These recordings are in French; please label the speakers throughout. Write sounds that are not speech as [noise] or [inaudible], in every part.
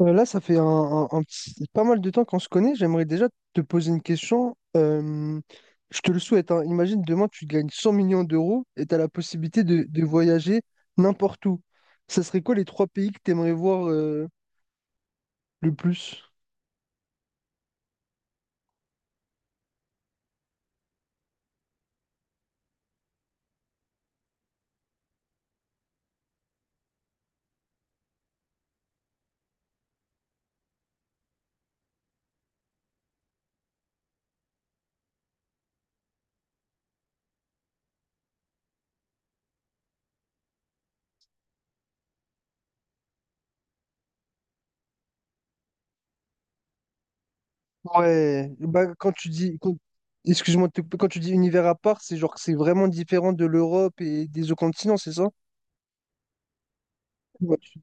Speaker 1: Là, ça fait pas mal de temps qu'on se connaît. J'aimerais déjà te poser une question. Je te le souhaite, hein. Imagine demain, tu gagnes 100 millions d'euros et tu as la possibilité de voyager n'importe où. Ça serait quoi les trois pays que tu aimerais voir le plus? Ouais, bah, quand tu dis, quand- excuse-moi, de te couper, quand tu dis univers à part, c'est genre que c'est vraiment différent de l'Europe et des autres continents, c'est ça? Ouais, je suis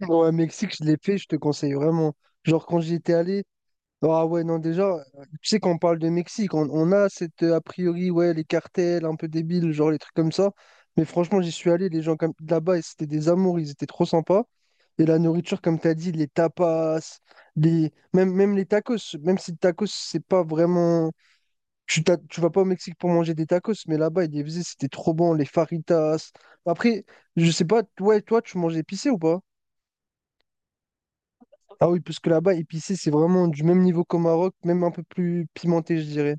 Speaker 1: d'accord. Ouais, Mexique, je l'ai fait, je te conseille vraiment. Genre, quand j'y étais allé. Ah ouais, non, déjà, tu sais qu'on parle de Mexique, on a cette, a priori, ouais, les cartels un peu débiles, genre les trucs comme ça. Mais franchement, j'y suis allé, les gens comme là-bas, et c'était des amours, ils étaient trop sympas. Et la nourriture, comme tu as dit, les tapas. Même les tacos, même si le tacos, c'est pas vraiment. Tu vas pas au Mexique pour manger des tacos, mais là-bas, ils les faisaient, c'était trop bon, les faritas. Après, je sais pas, ouais, toi, tu manges épicé ou pas? Ah oui, parce que là-bas, épicé, c'est vraiment du même niveau qu'au Maroc, même un peu plus pimenté, je dirais.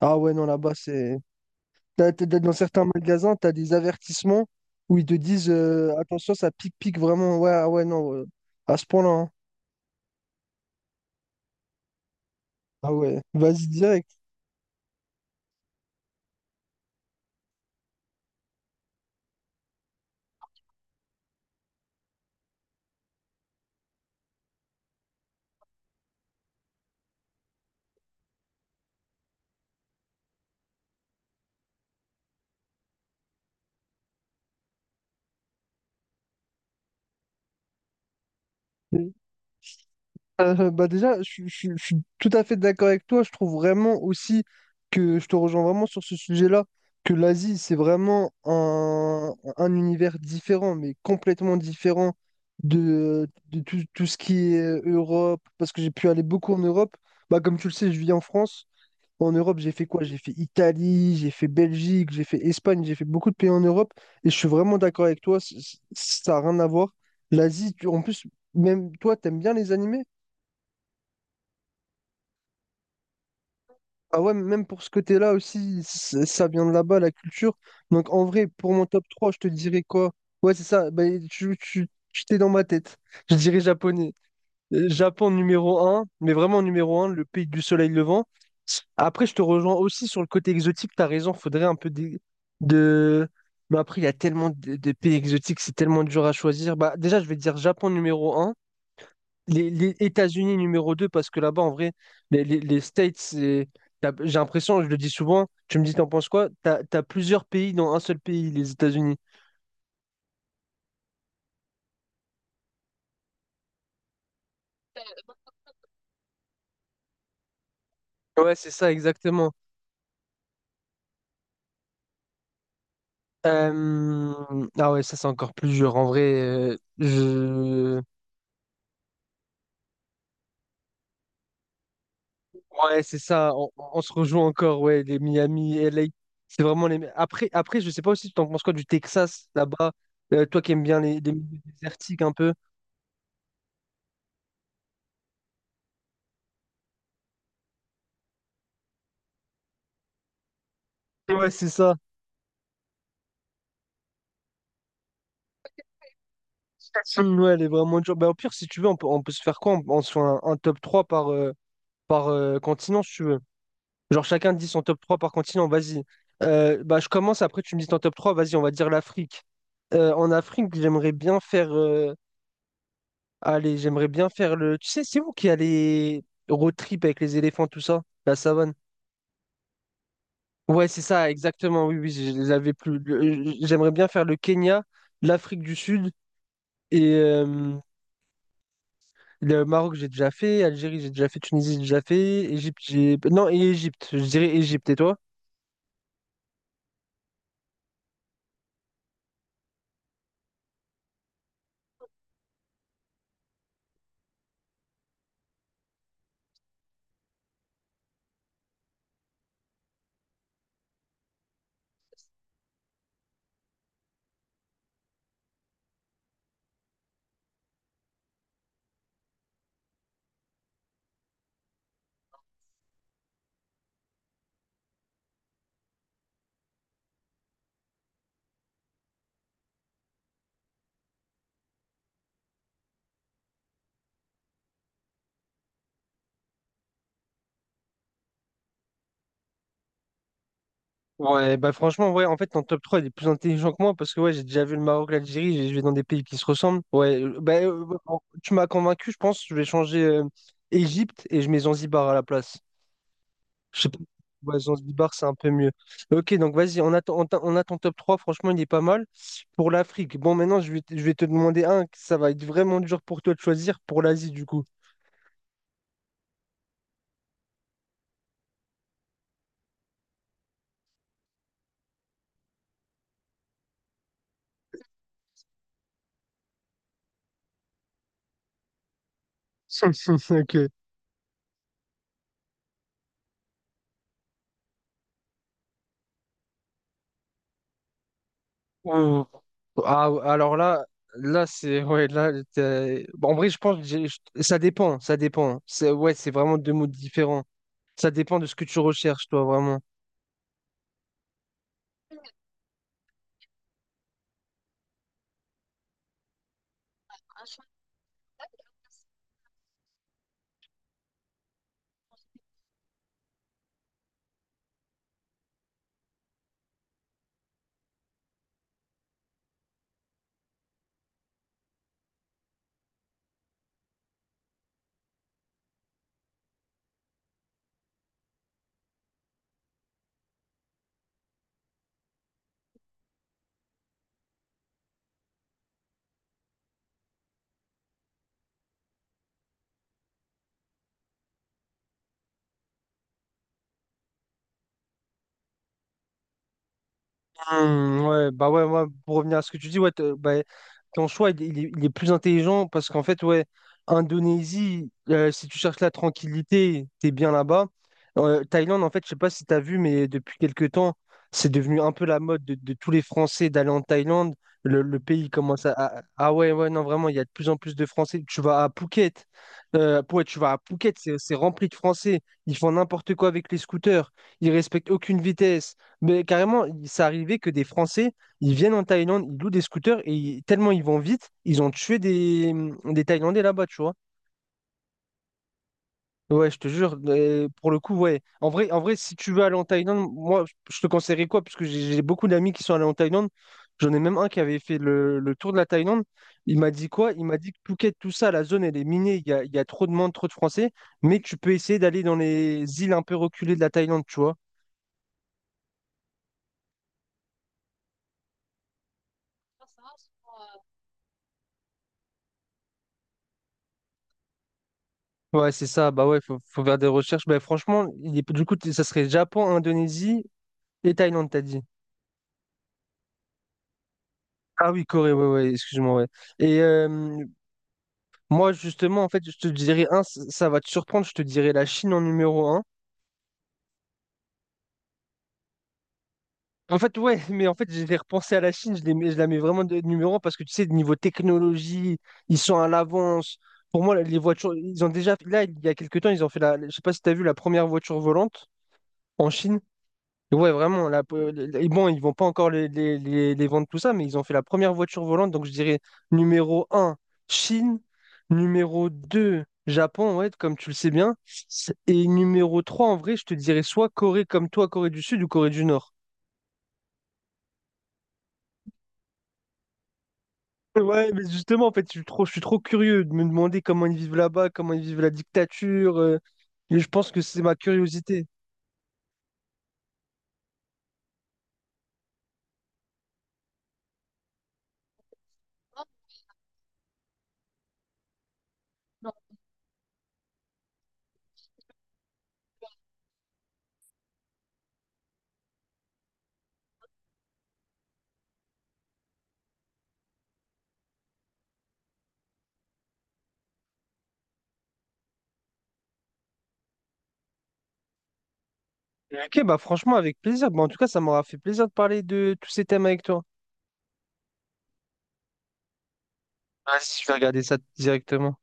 Speaker 1: Ah ouais, non, là-bas, c'est. Dans certains magasins, tu as des avertissements où ils te disent attention, ça pique-pique vraiment. Ouais, ah ouais, non, à ce point-là, hein. Ah ouais, vas-y direct. Bah déjà, je suis tout à fait d'accord avec toi. Je trouve vraiment aussi que je te rejoins vraiment sur ce sujet-là, que l'Asie, c'est vraiment un univers différent, mais complètement différent de tout ce qui est Europe, parce que j'ai pu aller beaucoup en Europe. Bah, comme tu le sais, je vis en France. En Europe, j'ai fait quoi? J'ai fait Italie, j'ai fait Belgique, j'ai fait Espagne, j'ai fait beaucoup de pays en Europe. Et je suis vraiment d'accord avec toi, ça n'a rien à voir. L'Asie, en plus, même toi, t'aimes bien les animés? Ah ouais, même pour ce côté-là aussi, ça vient de là-bas, la culture. Donc en vrai, pour mon top 3, je te dirais quoi? Ouais, c'est ça, bah, tu, tu, tu t'es dans ma tête. Je dirais japonais. Japon numéro un, mais vraiment numéro un, le pays du soleil levant. Après, je te rejoins aussi sur le côté exotique, t'as raison, faudrait un peu de- Mais après, il y a tellement de pays exotiques, c'est tellement dur à choisir. Bah, déjà, je vais dire Japon numéro un, les États-Unis numéro 2 parce que là-bas, en vrai, les States, j'ai l'impression, je le dis souvent, tu me dis, t'en penses quoi? T'as plusieurs pays dans un seul pays, les États-Unis. Ouais, c'est ça, exactement. Ah ouais, ça c'est encore plus dur. En vrai. Ouais, c'est ça. On se rejoint encore, ouais, les Miami, LA. Après, je sais pas aussi, tu en penses quoi du Texas, là-bas? Toi qui aimes bien les milieux désertiques un peu. Ouais, c'est ça. Ouais, elle est vraiment dure. Bah, au pire, si tu veux, on peut se faire quoi? On se fait un top 3 par continent, si tu veux. Genre chacun dit son top 3 par continent, vas-y. Bah, je commence, après tu me dis ton top 3 vas-y, on va dire l'Afrique. En Afrique, j'aimerais bien faire. Allez, j'aimerais bien faire le. Tu sais, c'est vous qui allez road trip avec les éléphants, tout ça, la savane. Ouais, c'est ça, exactement, oui, oui, je les avais plus. J'aimerais bien faire le Kenya, l'Afrique du Sud et. Le Maroc, j'ai déjà fait. Algérie, j'ai déjà fait. Tunisie, j'ai déjà fait. Égypte, j'ai. Non, et Égypte. Je dirais Égypte. Et toi? Ouais, bah franchement, ouais, en fait, ton top trois il est plus intelligent que moi parce que ouais, j'ai déjà vu le Maroc, l'Algérie, je vais dans des pays qui se ressemblent. Ouais, bah, bon, tu m'as convaincu, je pense, je vais changer Égypte et je mets Zanzibar à la place. Je sais pas. Ouais, Zanzibar, c'est un peu mieux. Ok, donc vas-y, on a ton top 3. Franchement, il est pas mal. Pour l'Afrique, bon, maintenant, je vais te demander un. Que Ça va être vraiment dur pour toi de choisir pour l'Asie, du coup. [laughs] Ok. Ouh. Ah, alors là, là, c'est. Ouais, là, bon, en vrai, je pense que ça dépend. Ça dépend. Ouais, c'est vraiment deux mots différents. Ça dépend de ce que tu recherches, toi, vraiment. Ouais, bah ouais, moi, pour revenir à ce que tu dis, ouais, bah, ton choix, il est plus intelligent parce qu'en fait, ouais, Indonésie, si tu cherches la tranquillité, t'es bien là-bas. Thaïlande, en fait, je sais pas si t'as vu, mais depuis quelques temps, c'est devenu un peu la mode de tous les Français d'aller en Thaïlande. Le pays commence à. Ah ouais, ouais, non, vraiment, il y a de plus en plus de Français. Tu vas à Phuket, ouais, tu vas à Phuket, c'est rempli de Français. Ils font n'importe quoi avec les scooters. Ils respectent aucune vitesse. Mais carrément, ça arrivait que des Français, ils viennent en Thaïlande, ils louent des scooters et tellement ils vont vite, ils ont tué des Thaïlandais là-bas, tu vois. Ouais, je te jure, pour le coup, ouais. En vrai, si tu veux aller en Thaïlande, moi, je te conseillerais quoi? Parce que j'ai beaucoup d'amis qui sont allés en Thaïlande. J'en ai même un qui avait fait le tour de la Thaïlande. Il m'a dit quoi? Il m'a dit que Phuket, tout ça, la zone, elle est minée. Il y a trop de monde, trop de Français. Mais tu peux essayer d'aller dans les îles un peu reculées de la Thaïlande, tu vois. Ouais, c'est ça. Bah ouais, faut faire des recherches. Bah franchement, du coup, ça serait Japon, Indonésie et Thaïlande, t'as dit. Ah oui, Corée, ouais, ouais, excuse-moi, ouais. Et moi, justement, en fait, je te dirais, un, ça va te surprendre, je te dirais la Chine en numéro un. En fait, ouais, [laughs] mais en fait, j'ai repensé à la Chine, je la mets vraiment de numéro un parce que tu sais, niveau technologie, ils sont à l'avance. Pour moi, les voitures, ils ont déjà, là, il y a quelques temps, ils ont fait je sais pas si t'as vu la première voiture volante en Chine. Ouais, vraiment. Et bon, ils vont pas encore les vendre tout ça, mais ils ont fait la première voiture volante. Donc, je dirais numéro un Chine. Numéro 2 Japon, ouais, comme tu le sais bien. Et numéro 3 en vrai, je te dirais soit Corée comme toi, Corée du Sud ou Corée du Nord. Ouais, mais justement, en fait, je suis trop curieux de me demander comment ils vivent là-bas, comment ils vivent la dictature. Et je pense que c'est ma curiosité. Ok, bah franchement, avec plaisir. Bah, en tout cas, ça m'aura fait plaisir de parler de tous ces thèmes avec toi. Vas-y, je vais regarder ça directement.